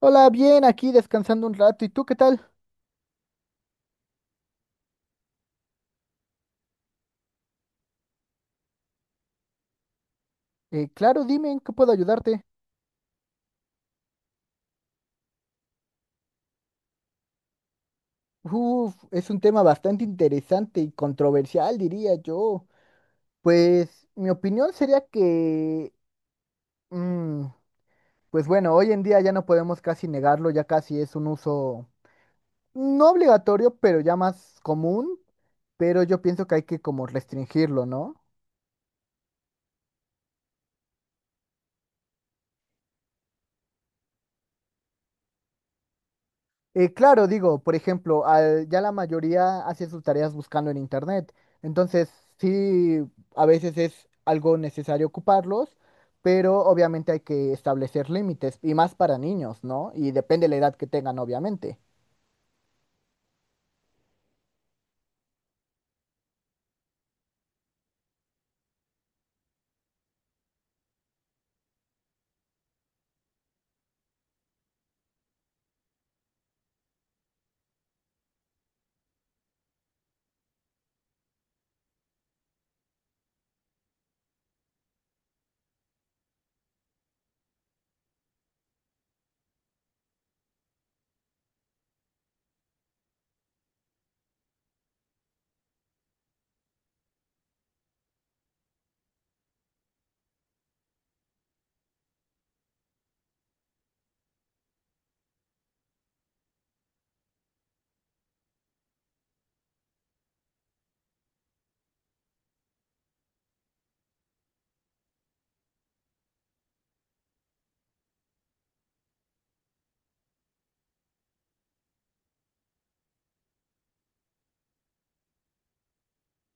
Hola, bien, aquí descansando un rato. ¿Y tú qué tal? Claro, dime en qué puedo ayudarte. Uf, es un tema bastante interesante y controversial, diría yo. Pues mi opinión sería que, mm, pues bueno, hoy en día ya no podemos casi negarlo, ya casi es un uso no obligatorio, pero ya más común, pero yo pienso que hay que como restringirlo, ¿no? Claro, digo, por ejemplo, ya la mayoría hace sus tareas buscando en internet. Entonces, sí, a veces es algo necesario ocuparlos, pero obviamente hay que establecer límites, y más para niños, ¿no? Y depende de la edad que tengan, obviamente.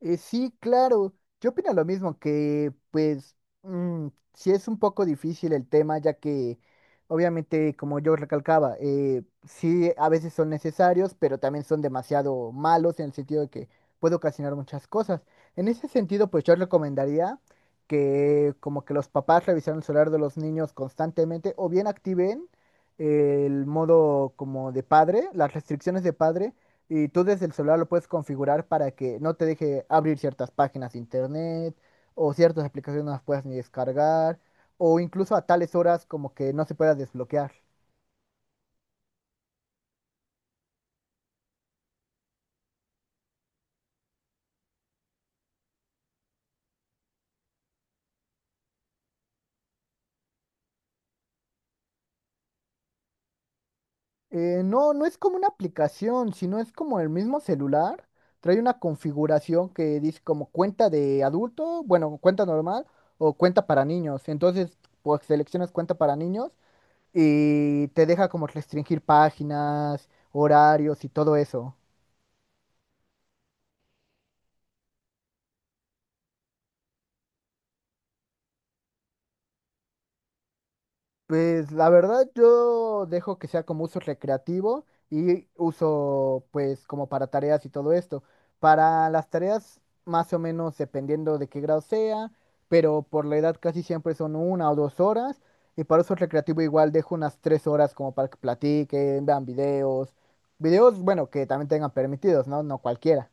Sí, claro. Yo opino lo mismo, que pues mm, sí es un poco difícil el tema, ya que obviamente, como yo recalcaba, sí a veces son necesarios, pero también son demasiado malos en el sentido de que puede ocasionar muchas cosas. En ese sentido, pues yo recomendaría que como que los papás revisaran el celular de los niños constantemente o bien activen el modo como de padre, las restricciones de padre y tú desde el celular lo puedes configurar para que no te deje abrir ciertas páginas de internet o ciertas aplicaciones no las puedas ni descargar o incluso a tales horas como que no se pueda desbloquear. No, no es como una aplicación, sino es como el mismo celular. Trae una configuración que dice como cuenta de adulto, bueno, cuenta normal o cuenta para niños. Entonces, pues seleccionas cuenta para niños y te deja como restringir páginas, horarios y todo eso. Pues la verdad yo dejo que sea como uso recreativo y uso pues como para tareas y todo esto. Para las tareas más o menos dependiendo de qué grado sea, pero por la edad casi siempre son 1 o 2 horas. Y para uso recreativo igual dejo unas 3 horas como para que platiquen, vean videos. Videos, bueno, que también tengan permitidos, ¿no? No cualquiera.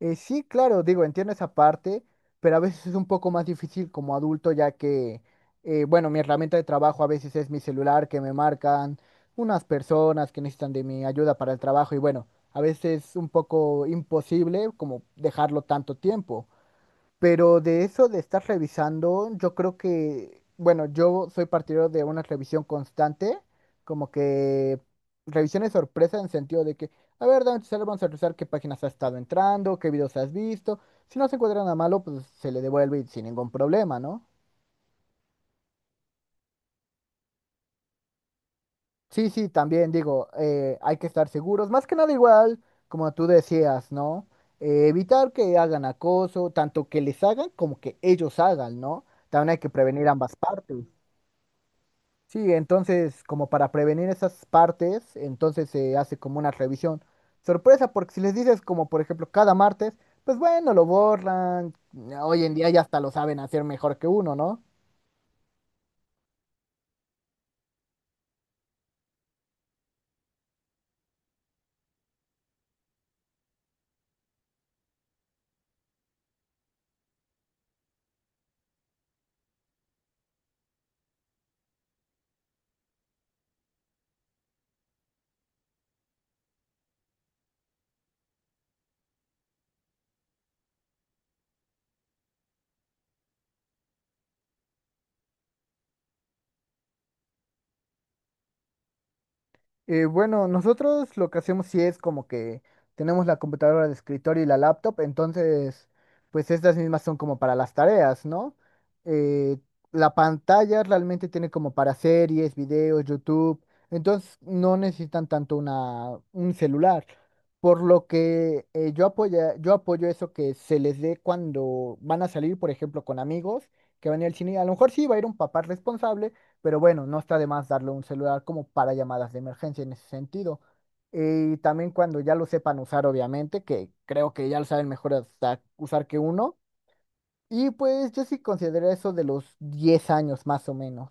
Sí, claro, digo, entiendo esa parte, pero a veces es un poco más difícil como adulto, ya que, bueno, mi herramienta de trabajo a veces es mi celular, que me marcan unas personas que necesitan de mi ayuda para el trabajo y bueno, a veces es un poco imposible como dejarlo tanto tiempo. Pero de eso de estar revisando, yo creo que, bueno, yo soy partidario de una revisión constante, como que revisiones sorpresa en sentido de que, a ver, dame tu celular, vamos a revisar qué páginas has estado entrando, qué videos has visto. Si no se encuentra nada malo, pues se le devuelve y sin ningún problema, ¿no? Sí, sí, también digo, hay que estar seguros, más que nada igual, como tú decías, ¿no? Evitar que hagan acoso, tanto que les hagan como que ellos hagan, ¿no? También hay que prevenir ambas partes. Sí, entonces, como para prevenir esas partes, entonces se hace como una revisión. Sorpresa, porque si les dices como por ejemplo cada martes, pues bueno, lo borran. Hoy en día ya hasta lo saben hacer mejor que uno, ¿no? Bueno, nosotros lo que hacemos sí es como que tenemos la computadora de escritorio y la laptop, entonces, pues estas mismas son como para las tareas, ¿no? Eh, la pantalla realmente tiene como para series, videos, YouTube, entonces no necesitan tanto un celular, por lo que yo apoyo eso que se les dé cuando van a salir, por ejemplo, con amigos que van a ir al cine, a lo mejor sí va a ir un papá responsable pero bueno, no está de más darle un celular como para llamadas de emergencia en ese sentido. Y también cuando ya lo sepan usar, obviamente, que creo que ya lo saben mejor hasta usar que uno. Y pues yo sí considero eso de los 10 años más o menos.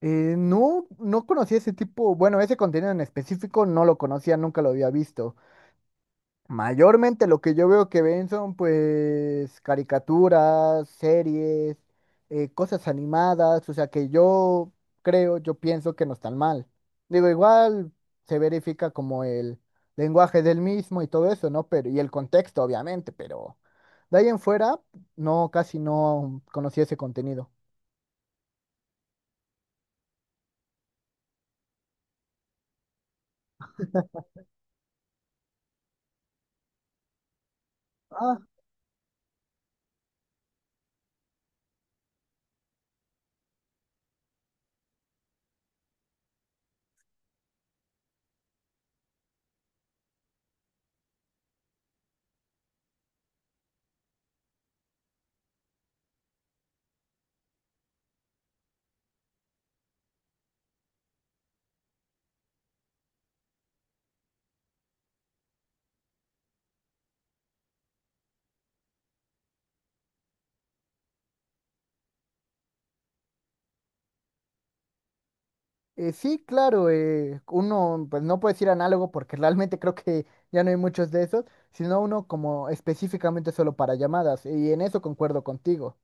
No, no conocía ese tipo, bueno, ese contenido en específico no lo conocía, nunca lo había visto. Mayormente lo que yo veo que ven son pues caricaturas, series, cosas animadas, o sea que yo creo, yo pienso que no están mal. Digo, igual se verifica como el lenguaje del mismo y todo eso, ¿no? Pero, y el contexto, obviamente, pero de ahí en fuera, no, casi no conocí ese contenido. Ah. Sí, claro, uno, pues no puede decir análogo porque realmente creo que ya no hay muchos de esos, sino uno como específicamente solo para llamadas, y en eso concuerdo contigo.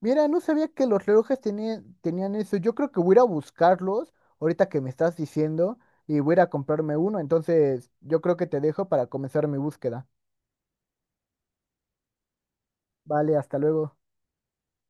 Mira, no sabía que los relojes tenían, tenían eso, yo creo que voy a ir a buscarlos ahorita que me estás diciendo y voy a ir a comprarme uno, entonces yo creo que te dejo para comenzar mi búsqueda. Vale, hasta luego.